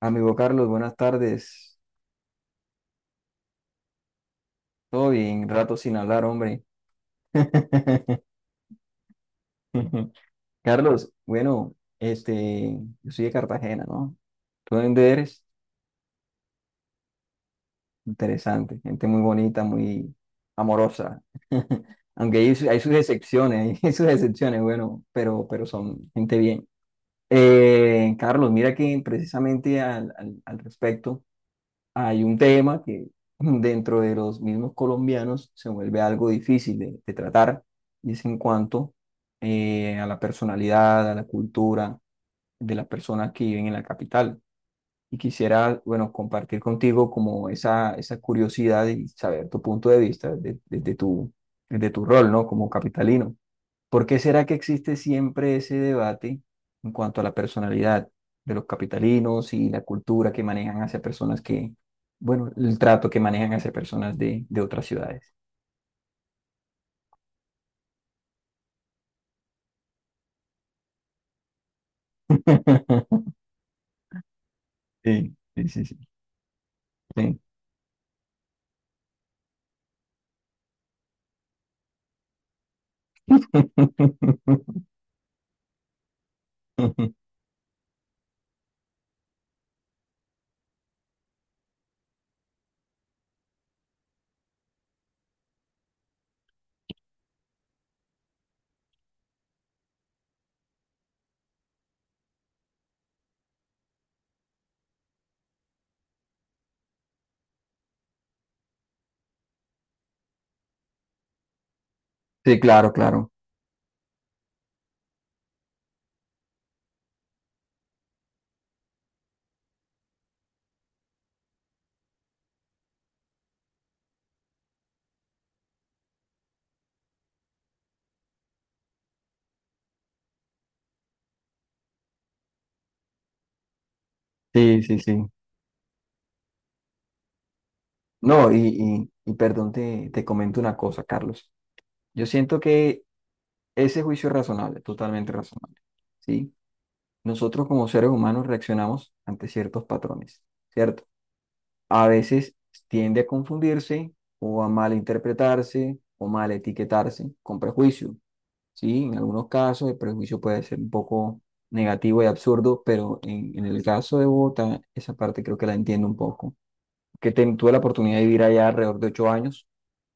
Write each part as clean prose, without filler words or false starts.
Amigo Carlos, buenas tardes. Todo bien, rato sin hablar, hombre. Carlos, bueno, este, yo soy de Cartagena, ¿no? ¿Tú de dónde eres? Interesante, gente muy bonita, muy amorosa. Aunque hay, hay sus excepciones, hay sus excepciones, bueno, pero son gente bien. Carlos, mira que precisamente al respecto. Hay un tema que dentro de los mismos colombianos se vuelve algo difícil de tratar, y es en cuanto a la personalidad, a la cultura de las personas que viven en la capital. Y quisiera, bueno, compartir contigo como esa curiosidad y saber tu punto de vista desde tu rol, ¿no? Como capitalino. ¿Por qué será que existe siempre ese debate en cuanto a la personalidad de los capitalinos y la cultura que manejan hacia personas que, bueno, el trato que manejan hacia personas de otras ciudades? Sí, sí, sí, sí. Sí. Sí, claro, claro. Sí, sí, sí. No, y perdón, te comento una cosa, Carlos. Yo siento que ese juicio es razonable, totalmente razonable. ¿Sí? Nosotros como seres humanos reaccionamos ante ciertos patrones, ¿cierto? A veces tiende a confundirse o a malinterpretarse o mal etiquetarse con prejuicio, ¿sí? En algunos casos el prejuicio puede ser un poco negativo y absurdo, pero en el caso de Bogotá, esa parte creo que la entiendo un poco. Que tuve la oportunidad de vivir allá alrededor de ocho años,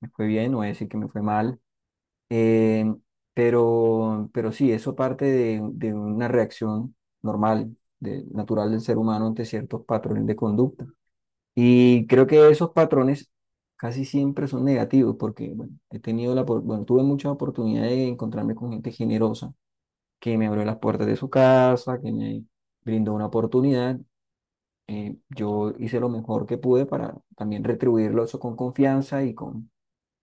me fue bien, no voy a decir que me fue mal, eh, pero sí, eso parte de una reacción normal, natural del ser humano ante ciertos patrones de conducta. Y creo que esos patrones casi siempre son negativos porque, bueno, he tenido bueno, tuve mucha oportunidad de encontrarme con gente generosa que me abrió las puertas de su casa, que me brindó una oportunidad. Yo hice lo mejor que pude para también retribuirlo eso con confianza y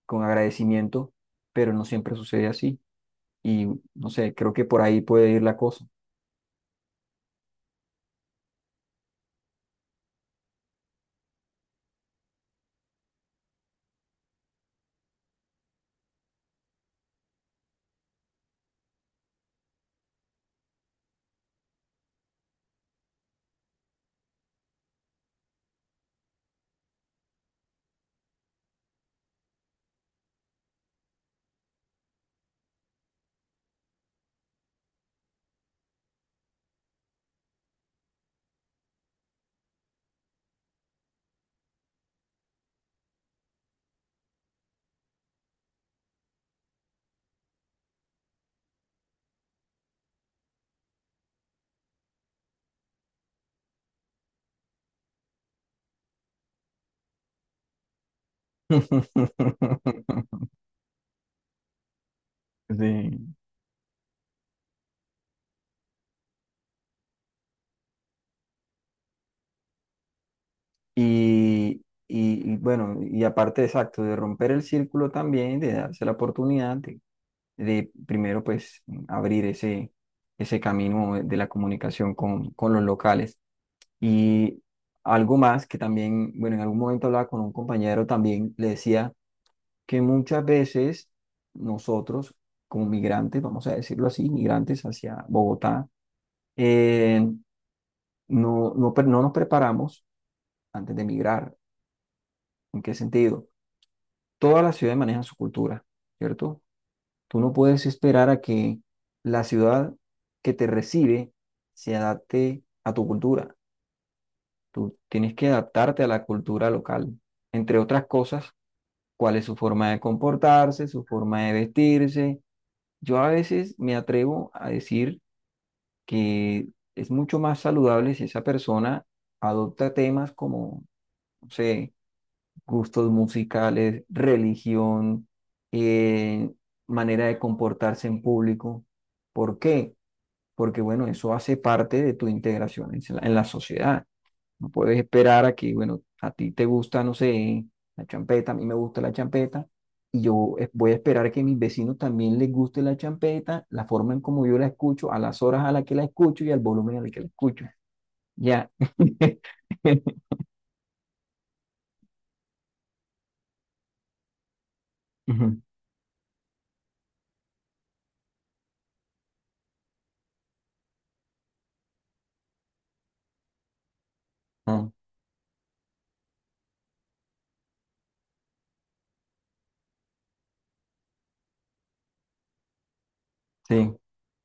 con agradecimiento, pero no siempre sucede así. Y no sé, creo que por ahí puede ir la cosa. Sí. Y, y bueno, y aparte, exacto, de romper el círculo también, de darse la oportunidad de primero, pues, abrir ese, ese camino de la comunicación con los locales. Y algo más que también, bueno, en algún momento hablaba con un compañero también, le decía que muchas veces nosotros, como migrantes, vamos a decirlo así, migrantes hacia Bogotá, eh, no nos preparamos antes de migrar. ¿En qué sentido? Todas las ciudades manejan su cultura, ¿cierto? Tú no puedes esperar a que la ciudad que te recibe se adapte a tu cultura. Tú tienes que adaptarte a la cultura local, entre otras cosas, cuál es su forma de comportarse, su forma de vestirse. Yo a veces me atrevo a decir que es mucho más saludable si esa persona adopta temas como, no sé, gustos musicales, religión, eh, manera de comportarse en público. ¿Por qué? Porque, bueno, eso hace parte de tu integración en en la sociedad. No puedes esperar a que, bueno, a ti te gusta, no sé, la champeta, a mí me gusta la champeta, y voy a esperar que a mis vecinos también les guste la champeta, la forma en como yo la escucho, a las horas a las que la escucho y al volumen al que la escucho. Ya. Ujú. Ah, sí,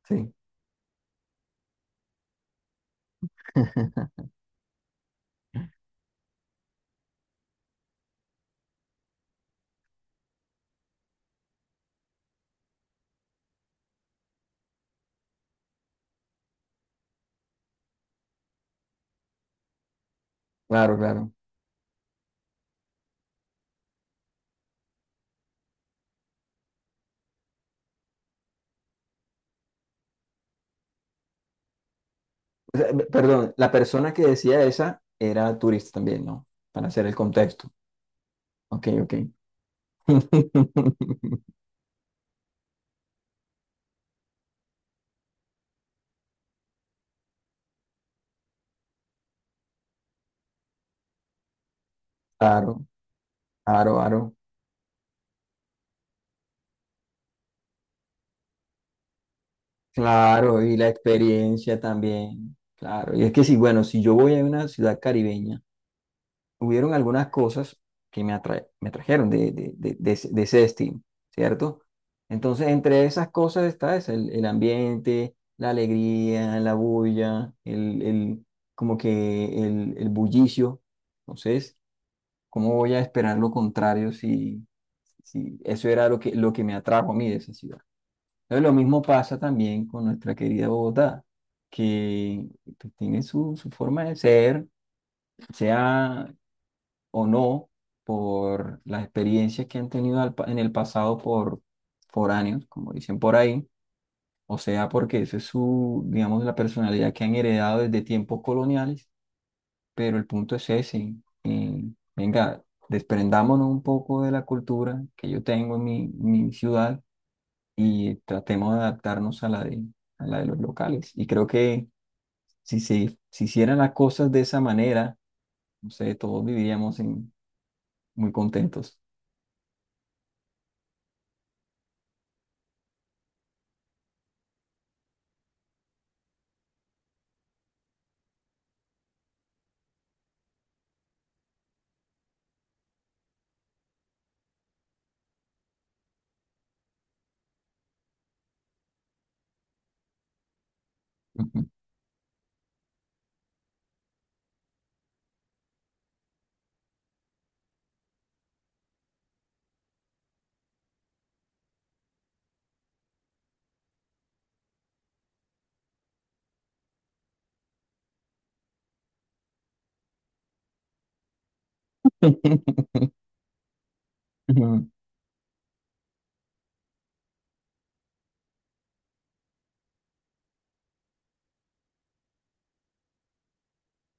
sí. Claro, claro. O sea, perdón, la persona que decía esa era turista también, ¿no? Para hacer el contexto. Ok, ok. Claro, claro, claro. Claro, y la experiencia también. Claro, y es que sí, bueno, si yo voy a una ciudad caribeña, hubieron algunas cosas que me trajeron de ese destino, ¿cierto? Entonces, entre esas cosas está eso, el ambiente, la alegría, la bulla, como que el bullicio. Entonces, ¿cómo voy a esperar lo contrario si, si eso era lo que me atrajo a mí de esa ciudad? Entonces, lo mismo pasa también con nuestra querida Bogotá, que pues, tiene su, su forma de ser, sea o no por las experiencias que han tenido en el pasado por foráneos, como dicen por ahí, o sea, porque eso es su, digamos, la personalidad que han heredado desde tiempos coloniales, pero el punto es ese, eh, venga, desprendámonos un poco de la cultura que yo tengo en mi, mi ciudad y tratemos de adaptarnos a la de los locales. Y creo que si se, si hicieran las cosas de esa manera, no sé, todos viviríamos muy contentos. Ujú.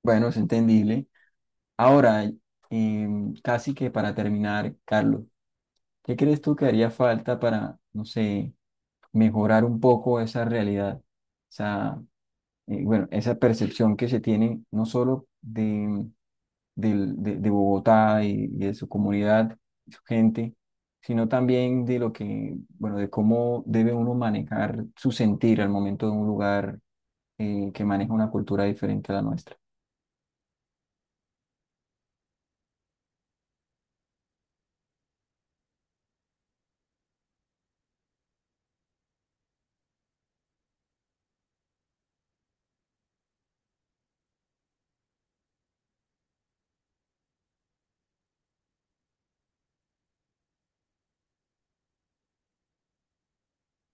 Bueno, es entendible. Ahora, casi que para terminar, Carlos, ¿qué crees tú que haría falta para, no sé, mejorar un poco esa realidad? O sea, bueno, esa percepción que se tiene no solo de, de Bogotá y de su comunidad, su gente, sino también de lo que, bueno, de cómo debe uno manejar su sentir al momento de un lugar que maneja una cultura diferente a la nuestra.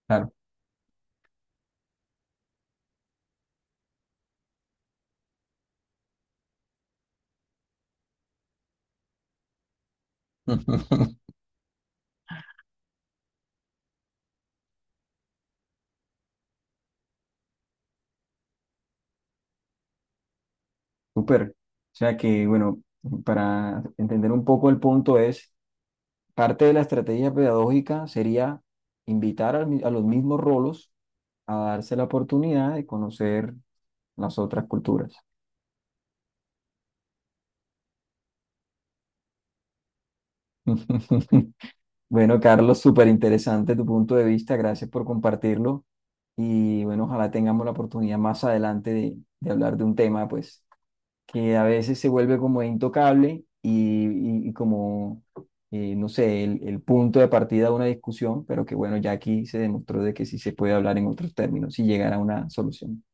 Claro. Súper. O sea que, bueno, para entender un poco el punto es, parte de la estrategia pedagógica sería invitar a los mismos rolos a darse la oportunidad de conocer las otras culturas. Bueno, Carlos, súper interesante tu punto de vista. Gracias por compartirlo. Y bueno, ojalá tengamos la oportunidad más adelante de hablar de un tema, pues, que a veces se vuelve como intocable y, y como, no sé, el punto de partida de una discusión, pero que bueno, ya aquí se demostró de que sí se puede hablar en otros términos y llegar a una solución.